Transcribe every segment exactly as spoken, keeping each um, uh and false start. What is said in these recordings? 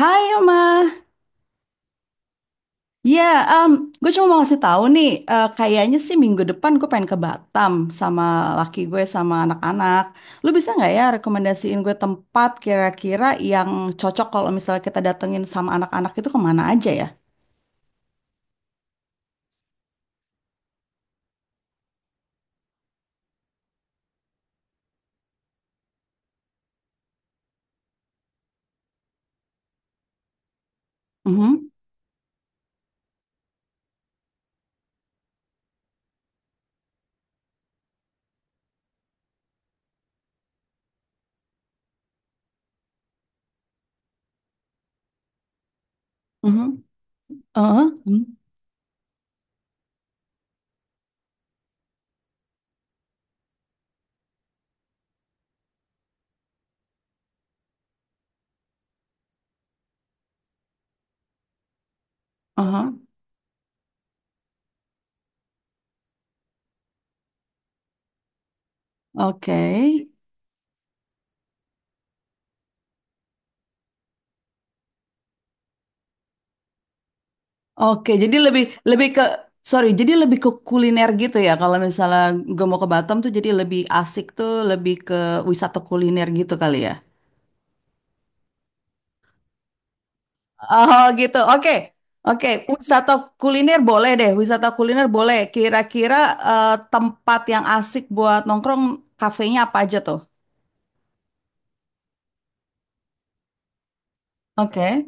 Hai Oma, ya gue cuma mau ngasih tahu nih, eh, kayaknya sih minggu depan gue pengen ke Batam sama laki gue sama anak-anak. Lu bisa nggak ya rekomendasiin gue tempat kira-kira yang cocok kalau misalnya kita datengin sama anak-anak itu kemana aja ya? Mhm, mhm, eh, hmm, aha, oke, oke. Jadi lebih lebih ke sorry, jadi lebih ke kuliner gitu ya. Kalau misalnya gue mau ke Batam tuh jadi lebih asik tuh lebih ke wisata kuliner gitu kali ya. Oh gitu, oke, oke. Wisata kuliner boleh deh, wisata kuliner boleh. Kira-kira eh, tempat yang asik buat nongkrong, kafenya apa aja tuh? Oke,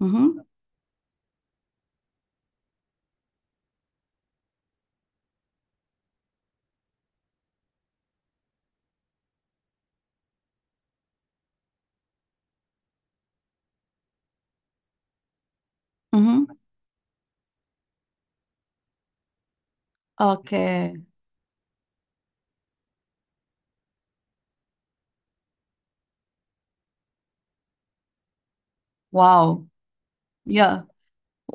mhm. Mhm. Oke, wow, ya.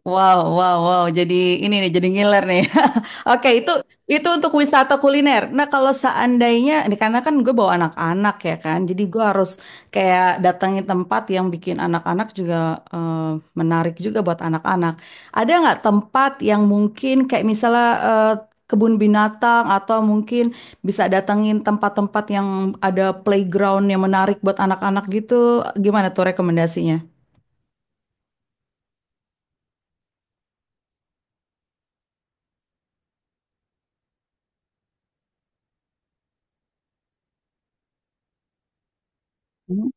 Wow, wow, wow. Jadi ini nih, jadi ngiler nih. Oke, itu itu untuk wisata kuliner. Nah, kalau seandainya, ini karena kan gue bawa anak-anak ya kan, jadi gue harus kayak datangi tempat yang bikin anak-anak juga eh, menarik juga buat anak-anak. Ada nggak tempat yang mungkin kayak misalnya eh, kebun binatang atau mungkin bisa datangin tempat-tempat yang ada playground yang menarik buat anak-anak gitu? Gimana tuh rekomendasinya? Hmm.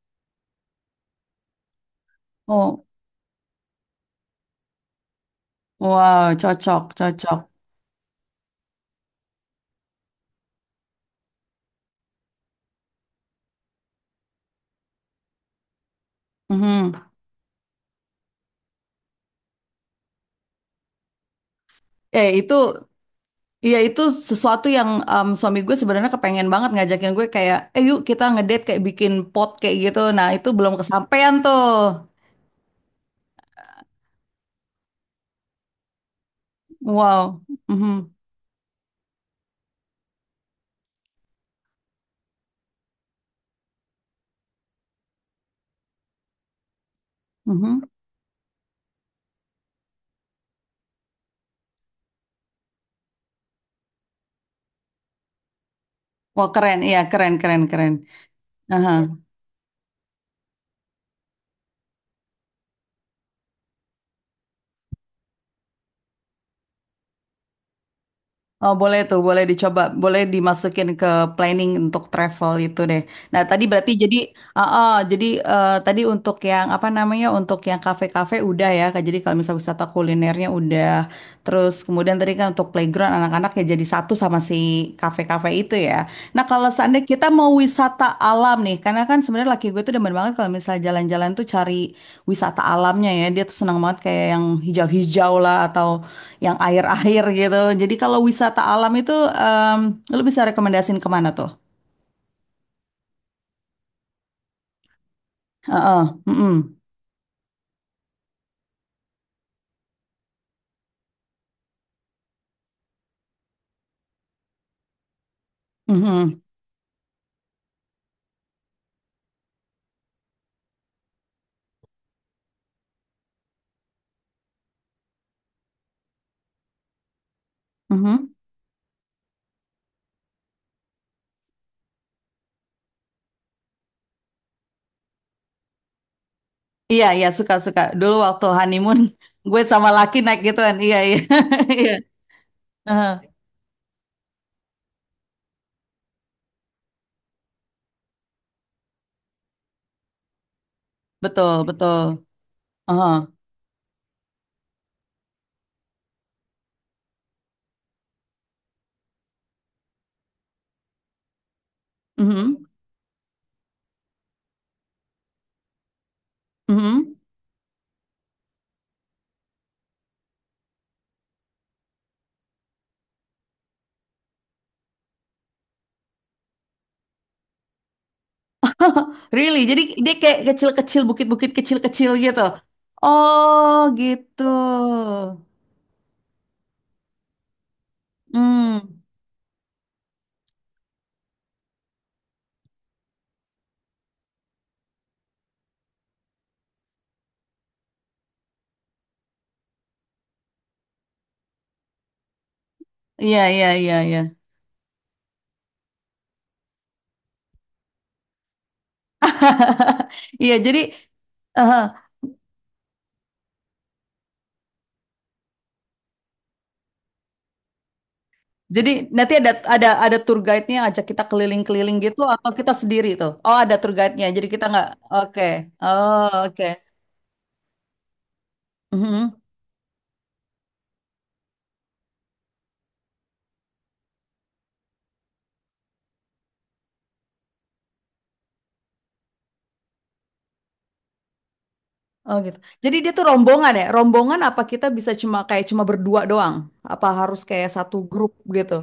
Oh, wow, cocok, cocok. Mhm. Eh itu ya itu sesuatu yang em, suami gue sebenarnya kepengen banget ngajakin gue kayak eh yuk kita ngedate kayak bikin pot kayak gitu. Nah, itu belum kesampaian tuh. Wow. Mhm. Mhm. Wah, keren. Iya, keren keren keren. Aha. Oh, boleh tuh, boleh dicoba, boleh dimasukin ke planning untuk travel itu deh. Nah, tadi berarti jadi, uh, uh, jadi uh, tadi untuk yang apa namanya, untuk yang kafe-kafe udah ya, Kak. Jadi kalau misalnya wisata kulinernya udah, terus kemudian tadi kan untuk playground anak-anak ya jadi satu sama si kafe-kafe itu ya. Nah, kalau seandainya kita mau wisata alam nih, karena kan sebenarnya laki gue tuh demen banget kalau misalnya jalan-jalan tuh cari wisata alamnya ya. Dia tuh senang banget kayak yang hijau-hijau lah atau yang air-air gitu. Jadi kalau wisata alam itu, em, lu bisa rekomendasiin kemana tuh? Heeh, mm-mm, mhm, mhm. Iya, iya, suka-suka. Dulu waktu honeymoon, gue sama laki naik gituan. Iya, iya, iya. Heeh, betul, betul. Heeh, mhm, mhm. Really? Jadi dia kayak kecil-kecil, bukit-bukit kecil-kecil gitu. Oh, gitu. Hmm, iya, iya, iya, iya. Iya, jadi, Jadi nanti ada ada ada tour guide-nya ajak kita keliling-keliling gitu atau kita sendiri tuh. Oh, ada tour guide-nya. Jadi kita nggak. Oke. Oh, oke. Mhm. Oh gitu. Jadi dia tuh rombongan ya? Rombongan apa kita bisa cuma kayak cuma berdua doang? Apa harus kayak satu grup gitu?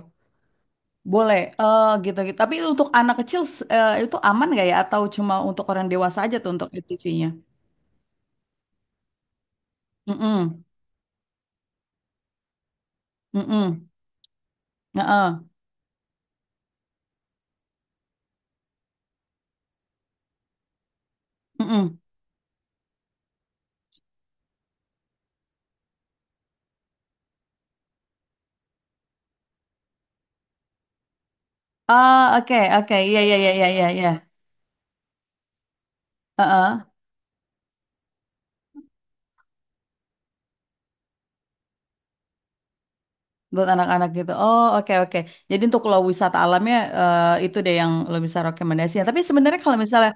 Boleh. Oh, gitu gitu. Tapi untuk anak kecil eh, itu aman nggak ya atau cuma untuk orang dewasa aja tuh untuk A T V-nya? Mm-mm. Mm-mm. Heeh. Mm-mm. Ah, oke, oke. Iya, iya, iya, iya, iya, iya. Heeh, buat anak-anak gitu. Oh, oke oke. Jadi untuk lo wisata alamnya eh, itu deh yang lo bisa rekomendasikan. Tapi sebenarnya kalau misalnya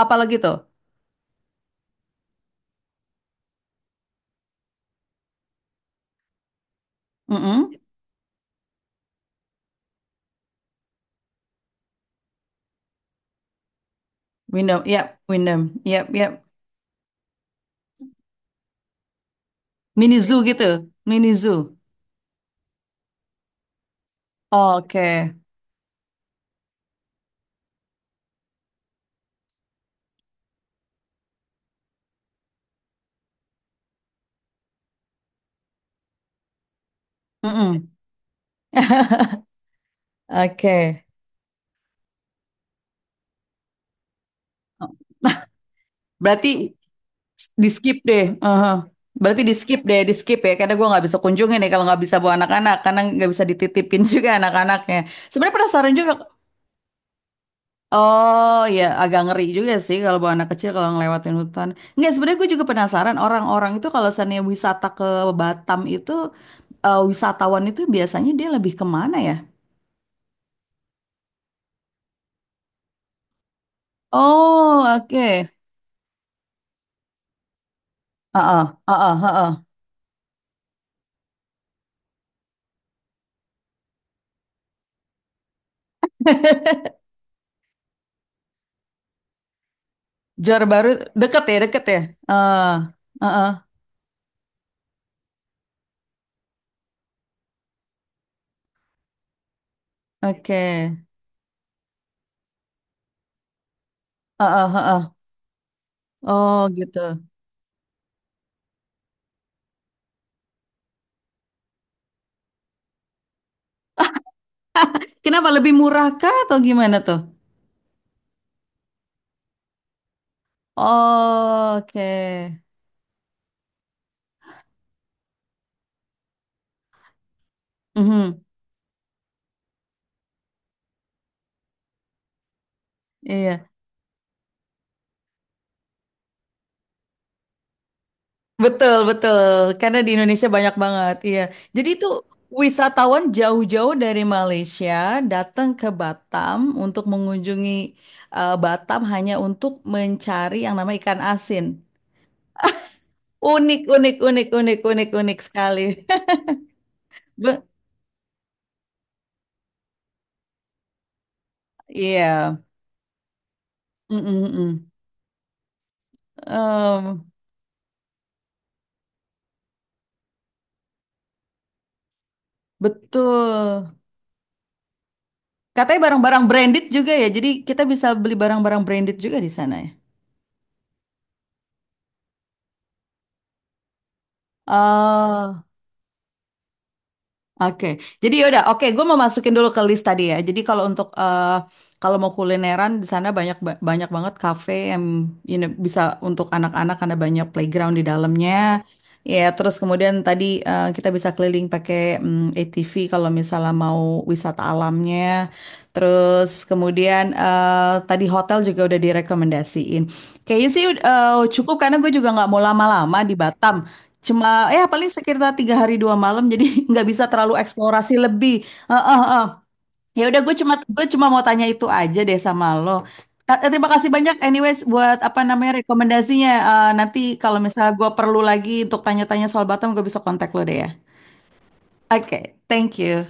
apa lagi tuh? Mm-mm. Windom, yap, Windom, yap, yap. Mini zoo gitu, mini zoo. Oke. Mm-mm. Oke. Berarti di skip deh. Uhum. Berarti di skip deh, di skip ya. Karena gue nggak bisa kunjungin nih kalau nggak bisa bawa anak-anak, karena nggak bisa dititipin juga anak-anaknya. Sebenarnya penasaran juga. Oh ya, agak ngeri juga sih kalau bawa anak kecil kalau ngelewatin hutan. Enggak, sebenarnya gue juga penasaran orang-orang itu kalau misalnya wisata ke Batam itu eh, wisatawan itu biasanya dia lebih kemana ya? Oh, oke. Heeh, heeh, heeh. Johor Baru deket ya, deket ya. Heeh, heeh, oke. Heeh, heeh. Oh, gitu. Kenapa lebih murah kah atau gimana tuh? Oh, oke. Mhm, iya. Betul, betul. Karena di Indonesia banyak banget, iya. Jadi itu wisatawan jauh-jauh dari Malaysia datang ke Batam untuk mengunjungi eh, Batam hanya untuk mencari yang namanya ikan asin. Unik, unik, unik, unik, unik, unik sekali. Be- Iya. Mm, mm, mm. Em, betul. Katanya barang-barang branded juga ya. Jadi kita bisa beli barang-barang branded juga di sana ya. Eh, Oke, jadi yaudah. Oke, gue mau masukin dulu ke list tadi ya. Jadi kalau untuk eh, kalau mau kulineran di sana banyak ba- banyak banget kafe yang you know, bisa untuk anak-anak karena banyak playground di dalamnya. Ya, terus kemudian tadi eh, kita bisa keliling pakai mm, A T V kalau misalnya mau wisata alamnya. Terus kemudian eh, tadi hotel juga udah direkomendasiin. Kayaknya sih eh, cukup karena gue juga nggak mau lama-lama di Batam. Cuma ya paling sekitar tiga hari dua malam jadi nggak bisa terlalu eksplorasi lebih. Eh, eh, eh. Ya udah gue cuma gue cuma mau tanya itu aja deh sama lo. Ta- eh, Terima kasih banyak anyways buat apa namanya rekomendasinya. Eh, nanti kalau misalnya gue perlu lagi untuk tanya-tanya soal Batam gue bisa kontak lo deh ya. Oke, thank you.